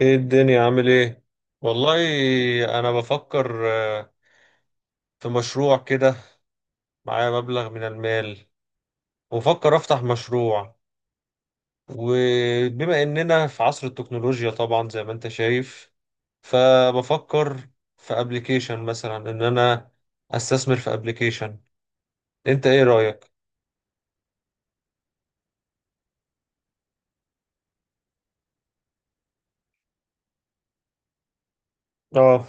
ايه الدنيا عامل ايه؟ والله انا بفكر في مشروع كده، معايا مبلغ من المال، وبفكر افتح مشروع. وبما اننا في عصر التكنولوجيا طبعا زي ما انت شايف، فبفكر في ابلكيشن مثلا، ان انا استثمر في ابلكيشن. انت ايه رأيك؟ اه،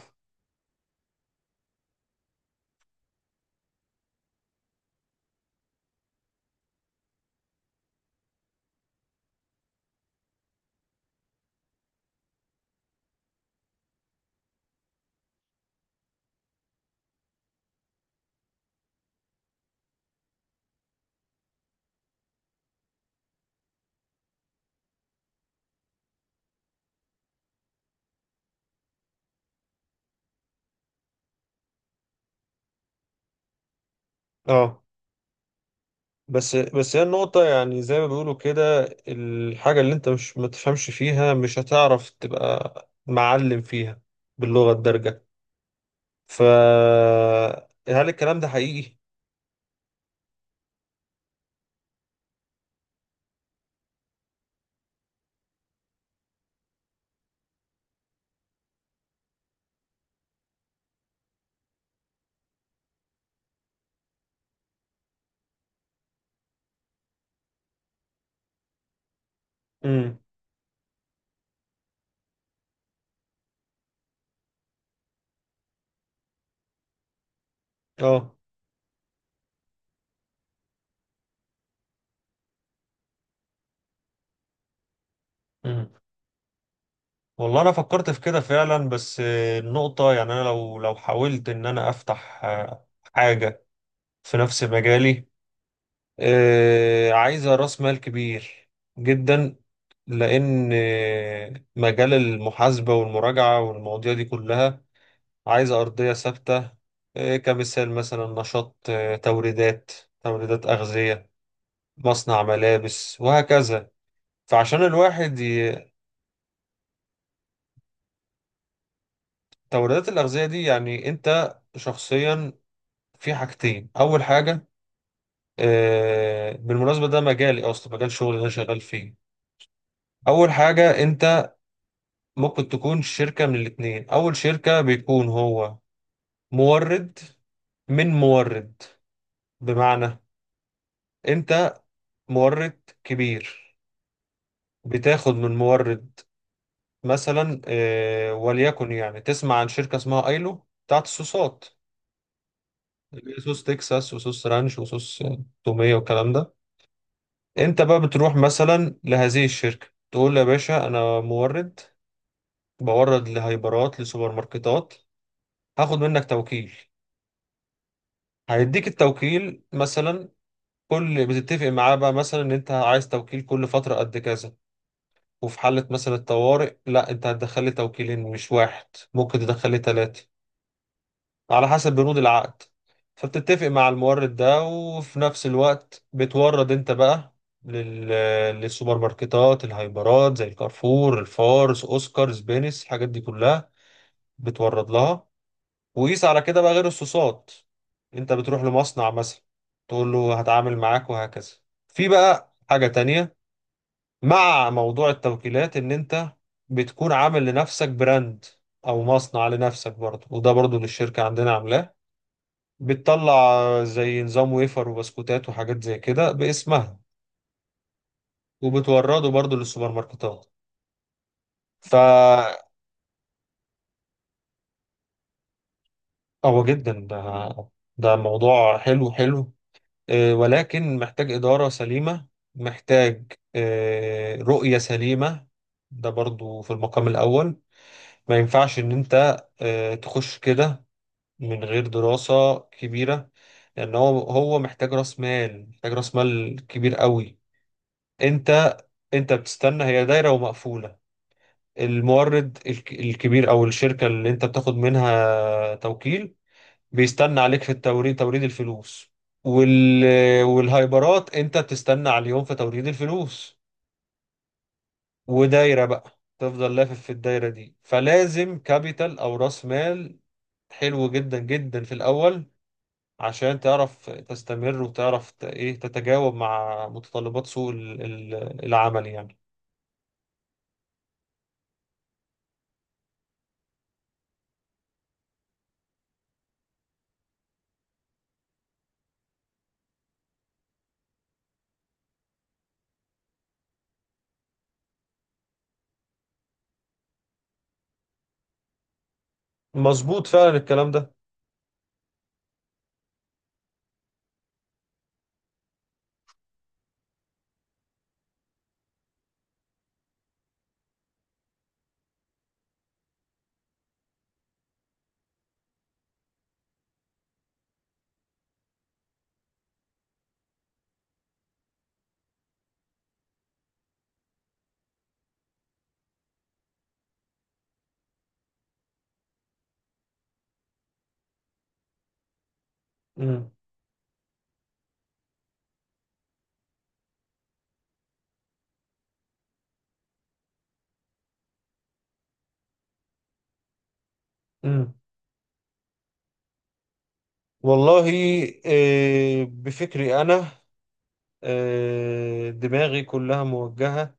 اه. بس هي النقطة، يعني زي ما بيقولوا كده، الحاجة اللي انت مش ما تفهمش فيها مش هتعرف تبقى معلم فيها باللغة الدارجة. ف هل الكلام ده حقيقي؟ امم، اه، مم. والله انا فكرت في كده فعلا، بس النقطة، يعني انا لو حاولت ان انا افتح حاجة في نفس مجالي، عايزة راس مال كبير جدا، لان مجال المحاسبة والمراجعة والمواضيع دي كلها عايزة ارضية ثابتة. كمثال مثلا نشاط، توريدات اغذية، مصنع ملابس وهكذا. فعشان الواحد توريدات الأغذية دي، يعني أنت شخصيا، في حاجتين. أول حاجة، بالمناسبة، ده مجالي أصلا، مجال شغلي اللي أنا شغال فيه. أول حاجة أنت ممكن تكون شركة من الاتنين. أول شركة بيكون هو مورد من مورد، بمعنى أنت مورد كبير بتاخد من مورد، مثلا وليكن يعني تسمع عن شركة اسمها ايلو بتاعت الصوصات، اللي هي صوص تكساس وصوص رانش وصوص تومية والكلام ده. انت بقى بتروح مثلا لهذه الشركة، تقول له يا باشا انا مورد بورد لهايبرات لسوبر ماركتات، هاخد منك توكيل. هيديك التوكيل مثلا، كل بتتفق معاه بقى مثلا ان انت عايز توكيل كل فترة قد كذا. وفي حالة مثلا الطوارئ، لا، انت هتدخل لي توكيلين مش واحد، ممكن تدخل لي ثلاثة على حسب بنود العقد. فبتتفق مع المورد ده، وفي نفس الوقت بتورد انت بقى لل... للسوبر ماركتات، الهايبرات زي الكارفور، الفارس، اوسكار، سبينس، الحاجات دي كلها بتورد لها. وقيس على كده بقى غير الصوصات، انت بتروح لمصنع مثلا تقول له هتعامل معاك وهكذا. في بقى حاجة تانية مع موضوع التوكيلات، ان انت بتكون عامل لنفسك براند او مصنع لنفسك برضه، وده برضه للشركة عندنا عاملاه، بتطلع زي نظام ويفر وبسكوتات وحاجات زي كده باسمها، وبتورده برضو للسوبر ماركتات. ف هو جدا ده موضوع حلو حلو، ولكن محتاج إدارة سليمة، محتاج رؤية سليمة، ده برضو في المقام الأول. ما ينفعش إن أنت تخش كده من غير دراسة كبيرة، لأن هو محتاج رأس مال، محتاج رأس مال كبير قوي. انت انت بتستنى، هي دايرة ومقفولة. المورد الكبير او الشركة اللي انت بتاخد منها توكيل بيستنى عليك في التوريد، توريد الفلوس، وال... والهايبرات انت بتستنى على اليوم في توريد الفلوس، ودايرة بقى تفضل لافف في الدايرة دي، فلازم كابيتال او راس مال حلو جدا جدا في الاول، عشان تعرف تستمر وتعرف ايه تتجاوب مع متطلبات سوق العمل يعني. مظبوط فعلا الكلام ده. مم. مم. والله، بفكري أنا، دماغي كلها موجهة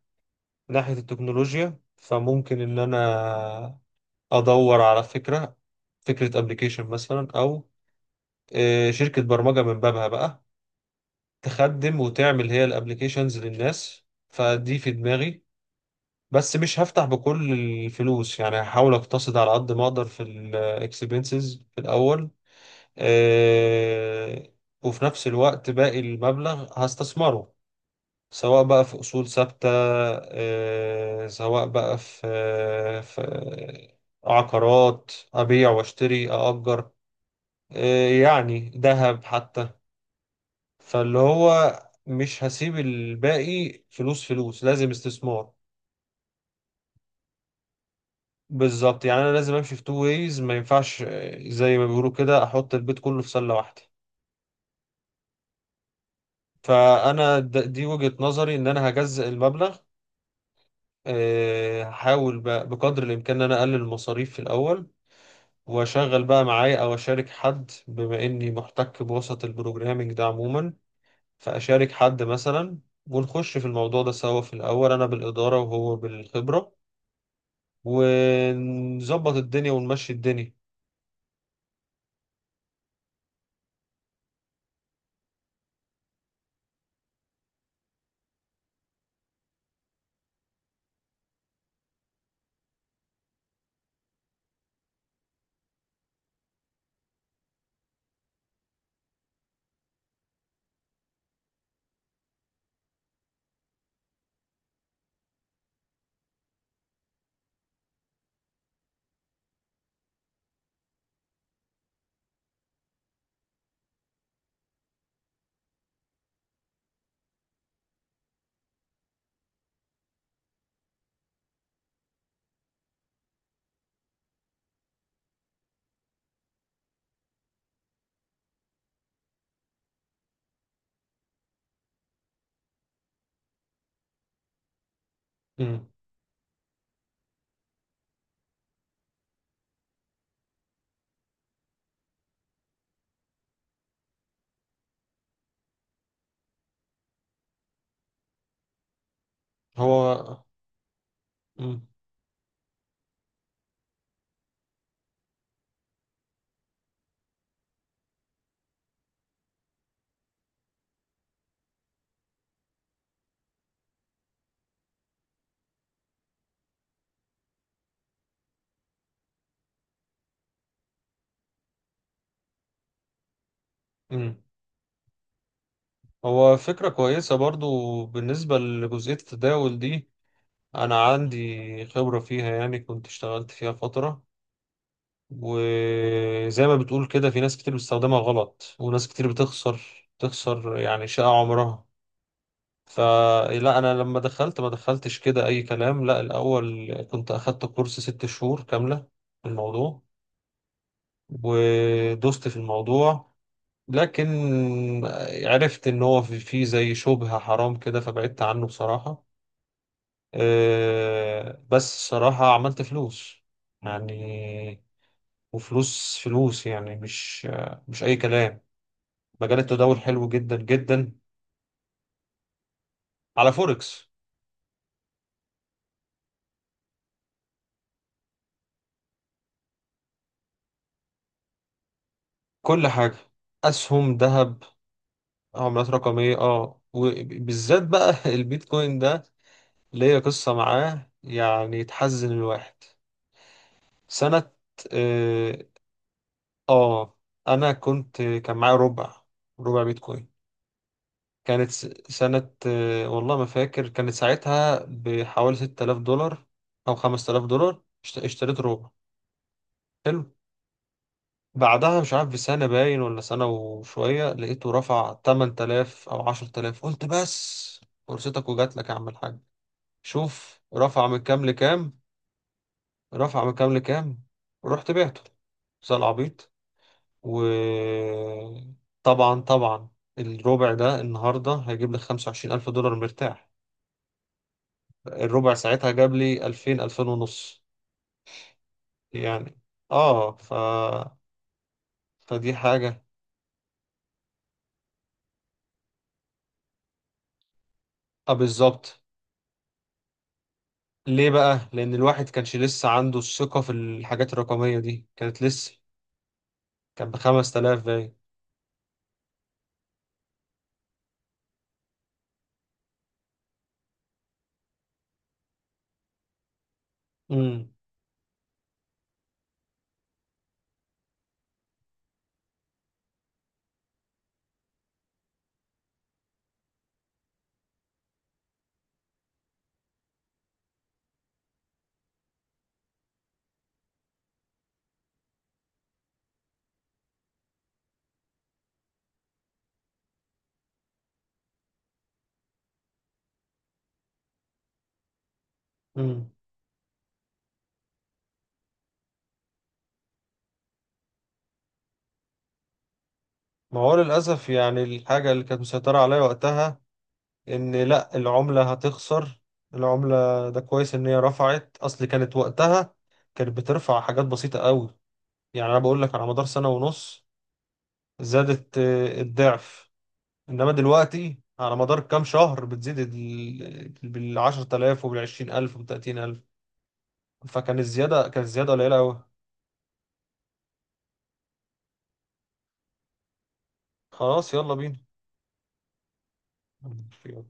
ناحية التكنولوجيا، فممكن إن أنا أدور على فكرة، فكرة أبليكيشن مثلا، أو شركة برمجة من بابها بقى تخدم وتعمل هي الأبليكيشنز للناس. فدي في دماغي، بس مش هفتح بكل الفلوس، يعني هحاول أقتصد على قد ما أقدر في الإكسبنسز في الأول. آه، وفي نفس الوقت باقي المبلغ هستثمره، سواء بقى في أصول ثابتة، سواء بقى في عقارات أبيع وأشتري أأجر، يعني ذهب حتى. فاللي هو مش هسيب الباقي فلوس، فلوس لازم استثمار. بالظبط، يعني أنا لازم أمشي في تو ويز، ما ينفعش زي ما بيقولوا كده أحط البيت كله في سلة واحدة. فانا دي وجهة نظري، ان انا هجزء المبلغ. هحاول بقى بقدر الإمكان إن أنا أقلل المصاريف في الأول، وأشغل بقى معايا أو أشارك حد، بما إني محتك بوسط البروجرامينج ده عموما، فأشارك حد مثلا ونخش في الموضوع ده سوا في الأول، أنا بالإدارة وهو بالخبرة، ونظبط الدنيا ونمشي الدنيا. مم. هو مم. مم. هو فكرة كويسة برضو. بالنسبة لجزئية التداول دي، أنا عندي خبرة فيها، يعني كنت اشتغلت فيها فترة، وزي ما بتقول كده في ناس كتير بتستخدمها غلط، وناس كتير بتخسر، تخسر يعني شقة عمرها. فلا، أنا لما دخلت ما دخلتش كده أي كلام، لا، الأول كنت أخدت كورس 6 شهور كاملة في الموضوع، ودوست في الموضوع. لكن عرفت إن هو في زي شبهة حرام كده، فبعدت عنه بصراحة. بس صراحة عملت فلوس يعني، وفلوس فلوس يعني مش أي كلام. مجال التداول حلو جدا جدا، على فوركس. كل حاجة، أسهم، ذهب، عملات رقمية، اه، وبالذات بقى البيتكوين ده، ليا قصة معاه يعني تحزن الواحد. سنة، اه. آه، أنا كان معايا ربع، ربع بيتكوين. كانت سنة، والله ما فاكر، كانت ساعتها بحوالي 6000 دولار أو 5000 دولار. اشتريت ربع. حلو. بعدها مش عارف بسنة باين ولا سنة وشوية، لقيته رفع 8000 أو 10,000. قلت بس، فرصتك وجات لك يا عم الحاج. شوف رفع من كام لكام، رفع من كام لكام. رحت بعته زي العبيط. وطبعا طبعا الربع ده النهاردة هيجيب لي 25,000 دولار مرتاح. الربع ساعتها جاب لي 2000، 2000 ونص يعني. اه. فدي حاجة. اه، بالظبط. ليه بقى؟ لأن الواحد كانش لسه عنده الثقة في الحاجات الرقمية دي، كانت لسه كانت بـ5000 باين. امم، امم. ما هو للأسف يعني الحاجة اللي كانت مسيطرة عليا وقتها إن، لأ، العملة هتخسر. العملة ده كويس إن هي رفعت، أصل كانت وقتها، كانت بترفع حاجات بسيطة قوي، يعني أنا بقول لك على مدار سنة ونص زادت الضعف. إنما دلوقتي على مدار كام شهر بتزيد بالـ10,000 وبالعشرين ألف وبالتلاتين ألف. فكان الزيادة كانت الزيادة قليلة أوي. خلاص، يلا بينا.